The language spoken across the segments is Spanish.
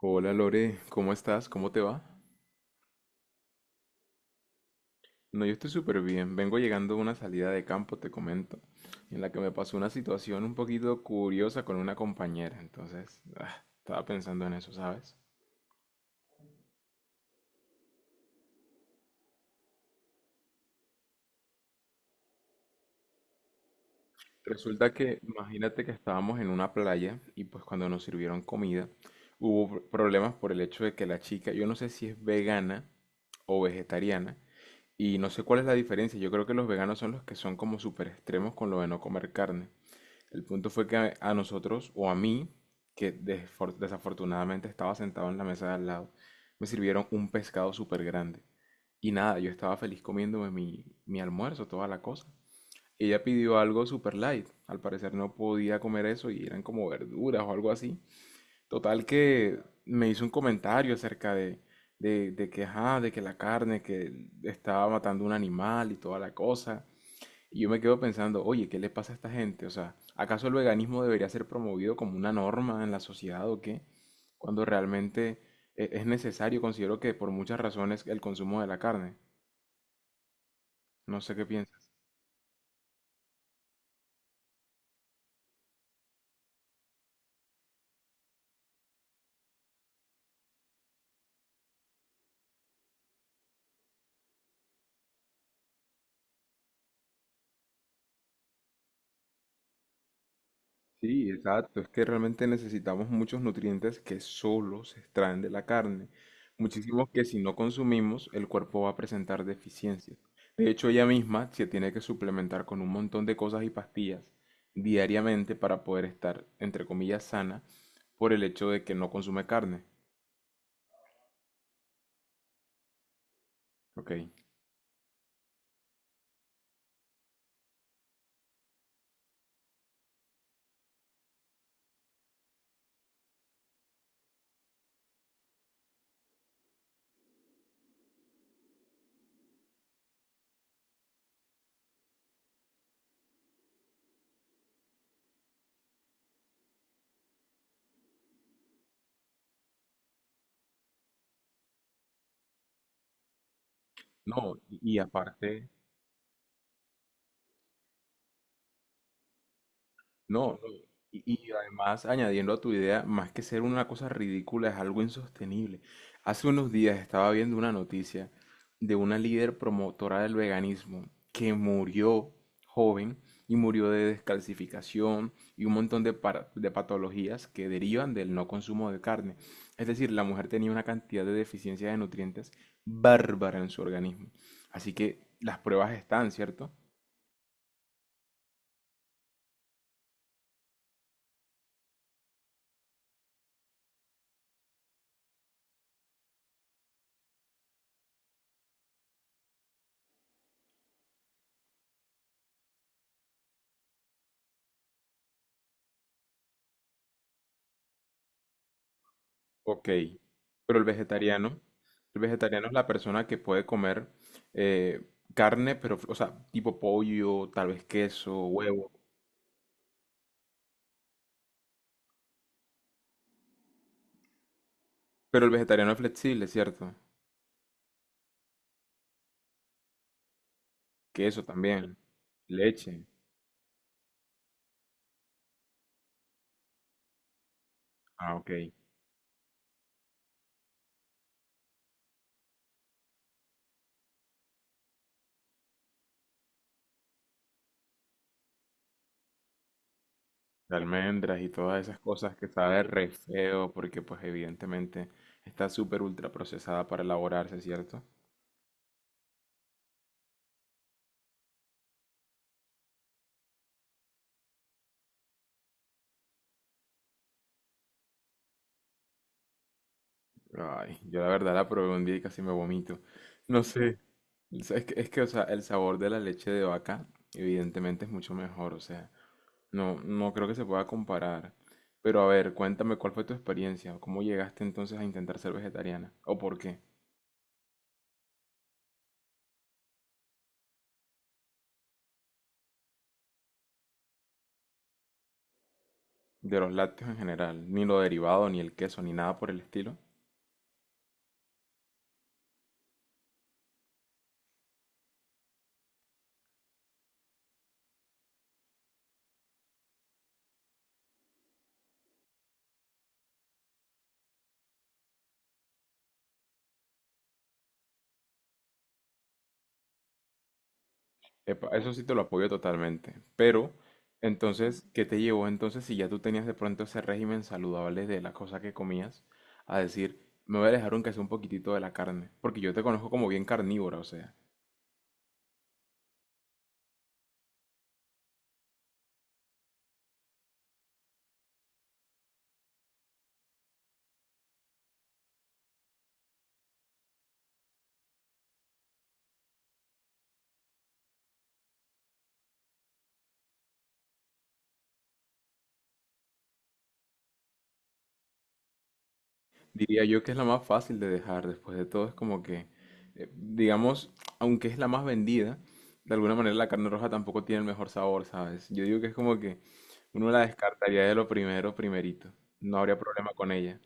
Hola Lore, ¿cómo estás? ¿Cómo te va? No, yo estoy súper bien. Vengo llegando de una salida de campo, te comento, en la que me pasó una situación un poquito curiosa con una compañera. Entonces, estaba pensando en eso, ¿sabes? Resulta que, imagínate que estábamos en una playa y pues cuando nos sirvieron comida, hubo problemas por el hecho de que la chica, yo no sé si es vegana o vegetariana, y no sé cuál es la diferencia. Yo creo que los veganos son los que son como súper extremos con lo de no comer carne. El punto fue que a nosotros, o a mí, que desafortunadamente estaba sentado en la mesa de al lado, me sirvieron un pescado súper grande. Y nada, yo estaba feliz comiéndome mi almuerzo, toda la cosa. Ella pidió algo super light. Al parecer no podía comer eso y eran como verduras o algo así. Total que me hizo un comentario acerca de que, ajá, de que la carne que estaba matando un animal y toda la cosa. Y yo me quedo pensando, oye, ¿qué le pasa a esta gente? O sea, ¿acaso el veganismo debería ser promovido como una norma en la sociedad o qué? Cuando realmente es necesario, considero que por muchas razones, el consumo de la carne. No sé qué piensas. Sí, exacto. Es que realmente necesitamos muchos nutrientes que solo se extraen de la carne. Muchísimos que si no consumimos, el cuerpo va a presentar deficiencias. De hecho, ella misma se tiene que suplementar con un montón de cosas y pastillas diariamente para poder estar, entre comillas, sana por el hecho de que no consume carne. Ok. No, y aparte... No, no, y, y además añadiendo a tu idea, más que ser una cosa ridícula, es algo insostenible. Hace unos días estaba viendo una noticia de una líder promotora del veganismo que murió joven y murió de descalcificación y un montón de, de patologías que derivan del no consumo de carne. Es decir, la mujer tenía una cantidad de deficiencia de nutrientes bárbara en su organismo. Así que las pruebas están, ¿cierto? Ok, pero el vegetariano es la persona que puede comer eh, carne, pero, o sea, tipo pollo, tal vez queso, huevo. Pero el vegetariano es flexible, ¿cierto? Queso también, leche. Ah, ok. De almendras y todas esas cosas que sabe re feo, porque pues evidentemente está súper ultra procesada para elaborarse, ¿cierto? Ay, yo la verdad la probé un día y casi me vomito. No sé. Es que, o sea, el sabor de la leche de vaca evidentemente es mucho mejor, o sea, no creo que se pueda comparar. Pero a ver, cuéntame cuál fue tu experiencia, cómo llegaste entonces a intentar ser vegetariana, o por qué, de los lácteos en general, ni lo derivado, ni el queso, ni nada por el estilo. Epa, eso sí te lo apoyo totalmente, pero entonces, ¿qué te llevó entonces si ya tú tenías de pronto ese régimen saludable de la cosa que comías, a decir, me voy a dejar un queso un poquitito de la carne, porque yo te conozco como bien carnívora, o sea. Diría yo que es la más fácil de dejar, después de todo es como que, digamos, aunque es la más vendida, de alguna manera la carne roja tampoco tiene el mejor sabor, ¿sabes? Yo digo que es como que uno la descartaría de lo primero, primerito, no habría problema con ella.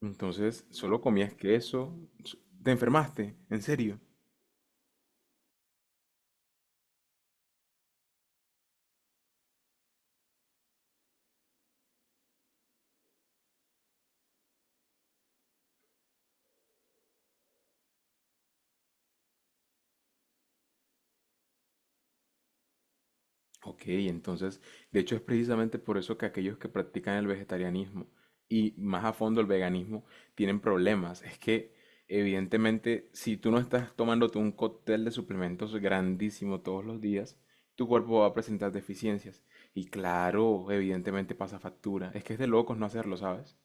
Entonces, solo comías queso, s- te enfermaste, en serio. Ok, entonces, de hecho es precisamente por eso que aquellos que practican el vegetarianismo y más a fondo el veganismo tienen problemas. Es que, evidentemente, si tú no estás tomándote un cóctel de suplementos grandísimo todos los días, tu cuerpo va a presentar deficiencias. Y claro, evidentemente pasa factura. Es que es de locos no hacerlo, ¿sabes?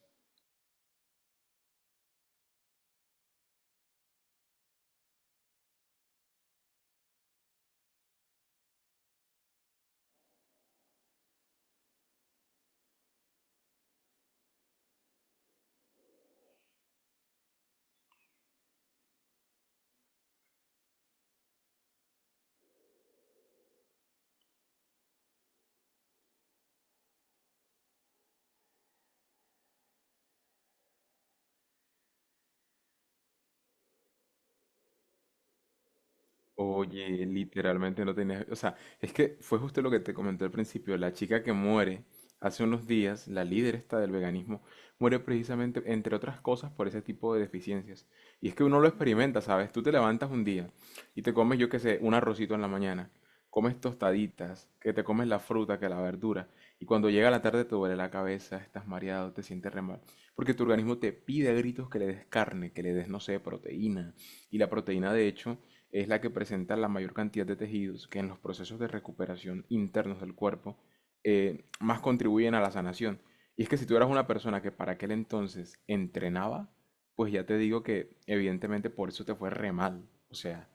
Oye, literalmente no tenía... O sea, es que fue justo lo que te comenté al principio. La chica que muere hace unos días, la líder esta del veganismo, muere precisamente, entre otras cosas, por ese tipo de deficiencias. Y es que uno lo experimenta, ¿sabes? Tú te levantas un día y te comes, yo qué sé, un arrocito en la mañana, comes tostaditas, que te comes la fruta, que la verdura, y cuando llega la tarde te duele la cabeza, estás mareado, te sientes re mal. Porque tu organismo te pide a gritos que le des carne, que le des, no sé, proteína. Y la proteína, de hecho es la que presenta la mayor cantidad de tejidos que en los procesos de recuperación internos del cuerpo más contribuyen a la sanación. Y es que si tú eras una persona que para aquel entonces entrenaba, pues ya te digo que evidentemente por eso te fue re mal. O sea,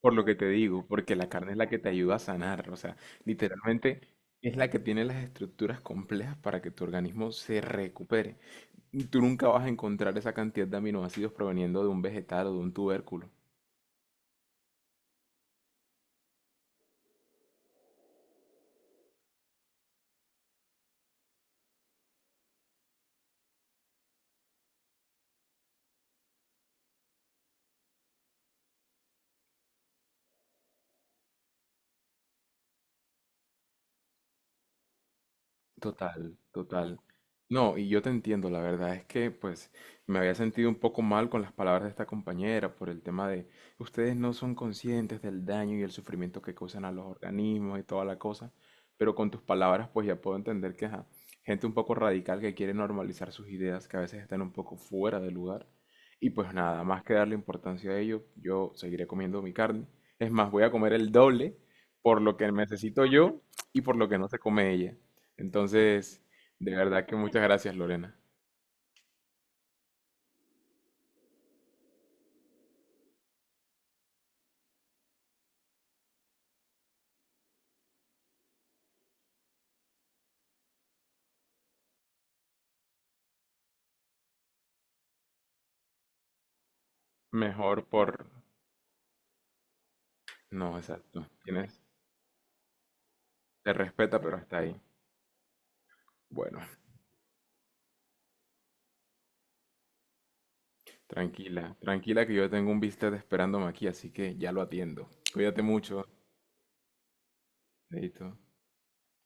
por lo que te digo, porque la carne es la que te ayuda a sanar. O sea, literalmente es la que tiene las estructuras complejas para que tu organismo se recupere. Y tú nunca vas a encontrar esa cantidad de aminoácidos proveniendo de un vegetal o de un tubérculo. Total, total. No, y yo te entiendo, la verdad es que pues me había sentido un poco mal con las palabras de esta compañera por el tema de ustedes no son conscientes del daño y el sufrimiento que causan a los organismos y toda la cosa, pero con tus palabras pues ya puedo entender que ajá, gente un poco radical que quiere normalizar sus ideas que a veces están un poco fuera de lugar y pues nada, más que darle importancia a ello, yo seguiré comiendo mi carne. Es más, voy a comer el doble por lo que necesito yo y por lo que no se come ella. Entonces, de verdad que muchas gracias, Lorena. Mejor por... No, exacto. Tienes... Te respeta, pero está ahí. Bueno, tranquila, tranquila que yo tengo un bistec esperándome aquí, así que ya lo atiendo. Cuídate mucho, Chaito.